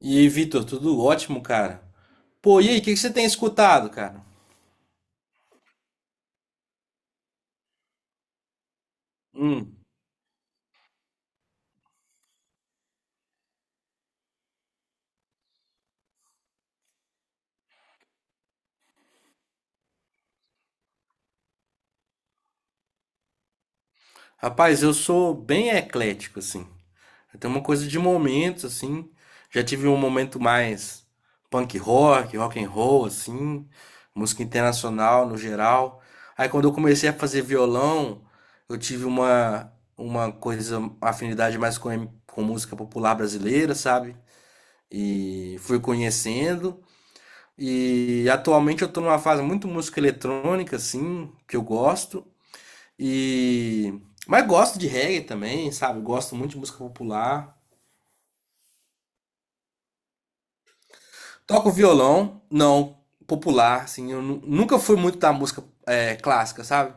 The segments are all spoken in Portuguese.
E aí, Vitor, tudo ótimo, cara? Pô, e aí, o que que você tem escutado, cara? Hum. Rapaz, eu sou bem eclético, assim. Eu tenho uma coisa de momentos, assim. Já tive um momento mais punk rock, rock and roll, assim. Música internacional no geral. Aí quando eu comecei a fazer violão, eu tive uma coisa, uma afinidade mais com música popular brasileira, sabe? E fui conhecendo. E atualmente eu tô numa fase muito música eletrônica, assim, que eu gosto. E. Mas gosto de reggae também, sabe? Gosto muito de música popular. Toco violão, não, popular, assim. Nunca fui muito da música clássica, sabe?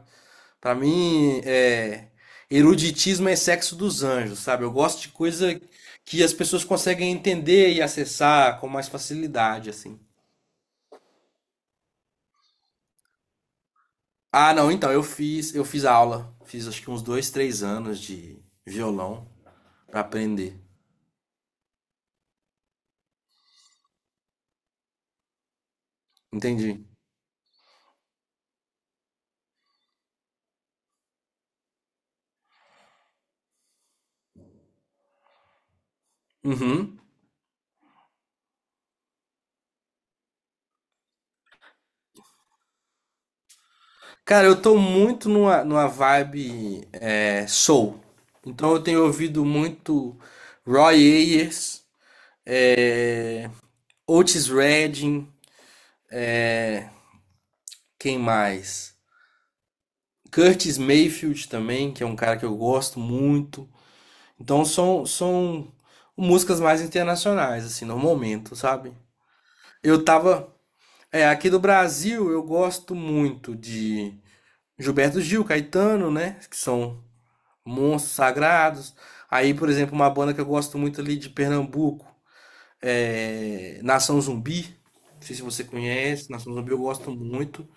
Pra mim, eruditismo é sexo dos anjos, sabe? Eu gosto de coisa que as pessoas conseguem entender e acessar com mais facilidade, assim. Ah, não, então, eu fiz aula. Fiz acho que uns dois, três anos de violão pra aprender. Entendi. Uhum. Cara, eu tô muito numa vibe soul. Então eu tenho ouvido muito Roy Ayers, é, Otis Redding, quem mais? Curtis Mayfield também, que é um cara que eu gosto muito. Então são músicas mais internacionais, assim, no momento, sabe? Eu tava, é, aqui do Brasil eu gosto muito de Gilberto Gil, Caetano, né? Que são monstros sagrados. Aí, por exemplo, uma banda que eu gosto muito ali de Pernambuco é Nação Zumbi. Não sei se você conhece, Nação Zumbi eu gosto muito.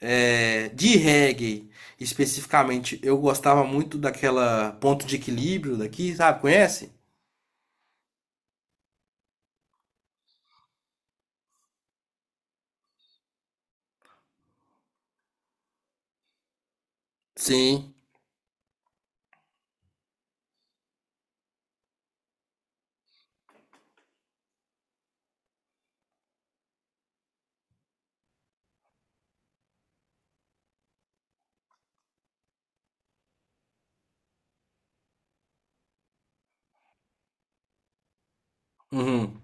É, de reggae, especificamente, eu gostava muito daquela Ponto de Equilíbrio daqui, sabe? Conhece? Sim. Uhum.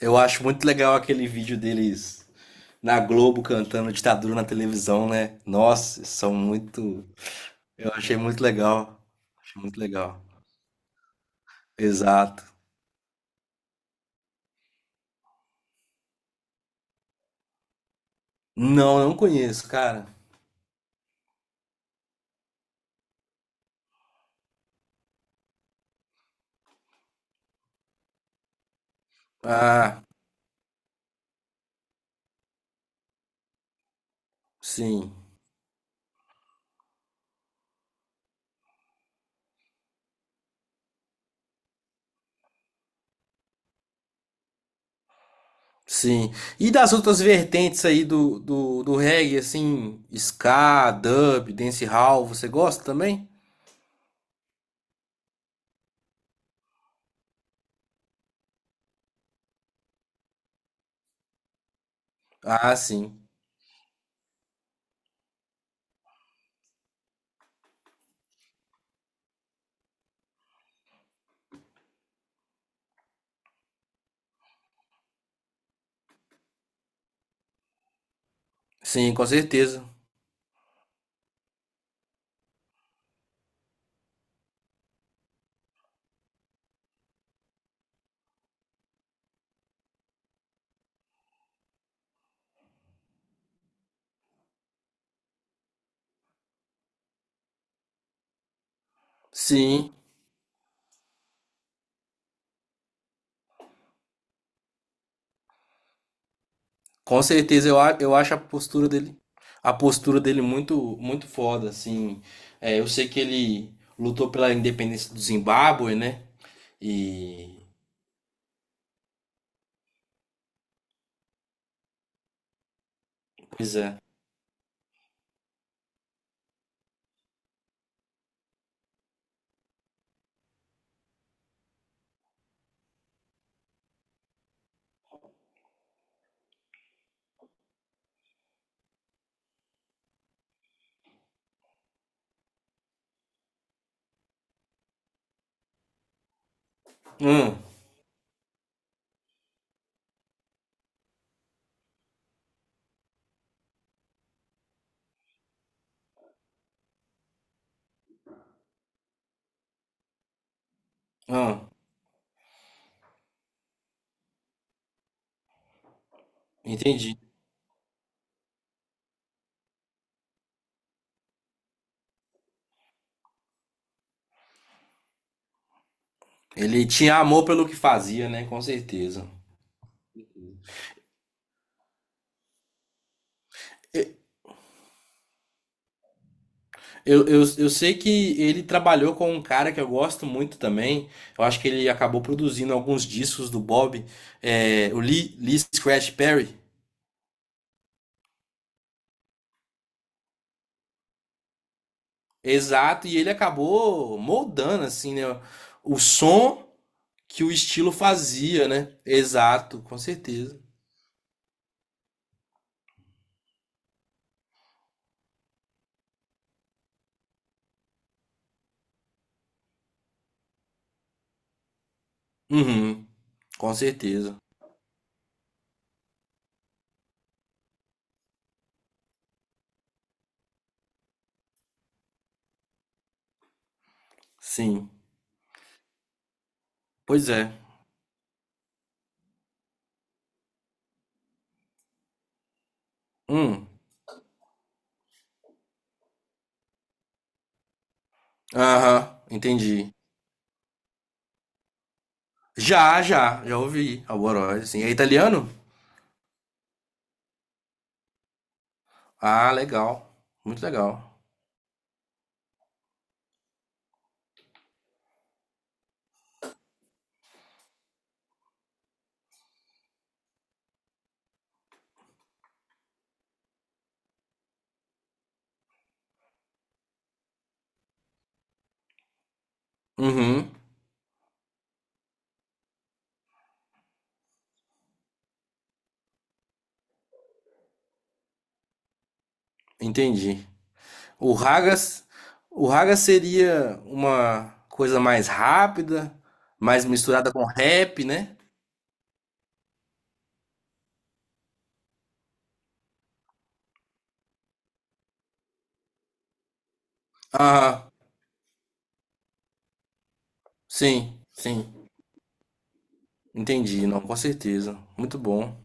Eu acho muito legal aquele vídeo deles na Globo cantando ditadura na televisão, né? Nossa, são muito. Eu achei muito legal. Achei muito legal. Exato. Não, não conheço, cara. Ah, sim, sim. E das outras vertentes aí do reggae, assim, ska, dub, dancehall, você gosta também? Ah, sim. Sim, com certeza. Sim. Com certeza, eu acho a postura dele muito, muito foda, assim. É, eu sei que ele lutou pela independência do Zimbábue, né? E, pois é. Hum, hum, entendi. Ele tinha amor pelo que fazia, né? Com certeza. Eu sei que ele trabalhou com um cara que eu gosto muito também. Eu acho que ele acabou produzindo alguns discos do Bob, é, o Lee Scratch Perry. Exato, e ele acabou moldando assim, né, o som que o estilo fazia, né? Exato, com certeza. Uhum, com certeza. Sim. Pois é. Hum. Aham, entendi. Já ouvi Alboróis, assim. É italiano? Ah, legal. Muito legal. Uhum, entendi. O Ragas, o Ragas seria uma coisa mais rápida, mais misturada com rap, né? Aham. Sim, sim. Entendi. Não, com certeza. Muito bom.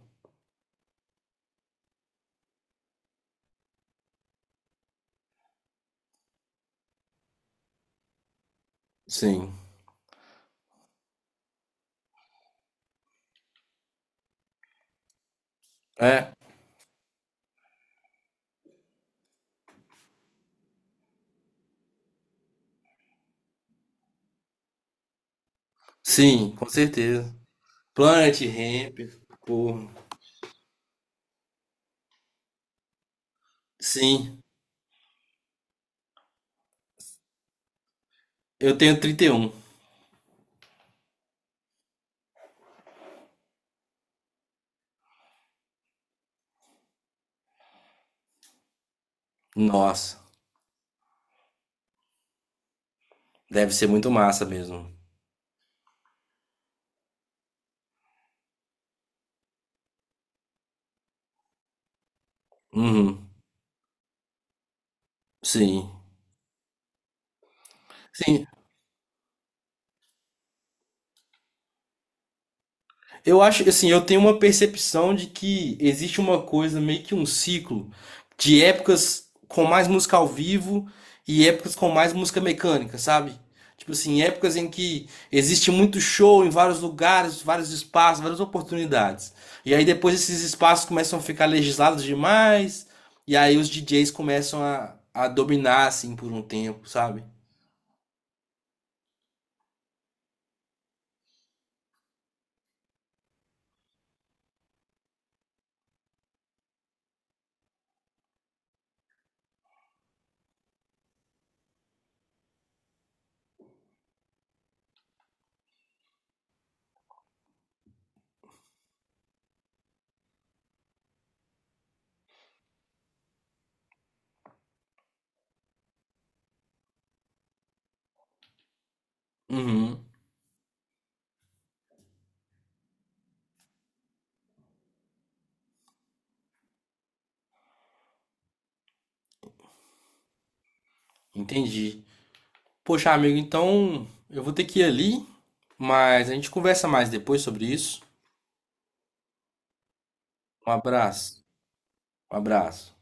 Sim. É. Sim, com certeza. Planet Hemp. Porra. Sim. Eu tenho 31. Nossa. Deve ser muito massa mesmo. Uhum. Sim. Sim. Eu acho, assim, eu tenho uma percepção de que existe uma coisa, meio que um ciclo, de épocas com mais música ao vivo e épocas com mais música mecânica, sabe? Tipo assim, épocas em que existe muito show em vários lugares, vários espaços, várias oportunidades. E aí depois esses espaços começam a ficar legislados demais, e aí os DJs começam a dominar, assim, por um tempo, sabe? Uhum, entendi. Poxa, amigo, então eu vou ter que ir ali, mas a gente conversa mais depois sobre isso. Um abraço. Um abraço.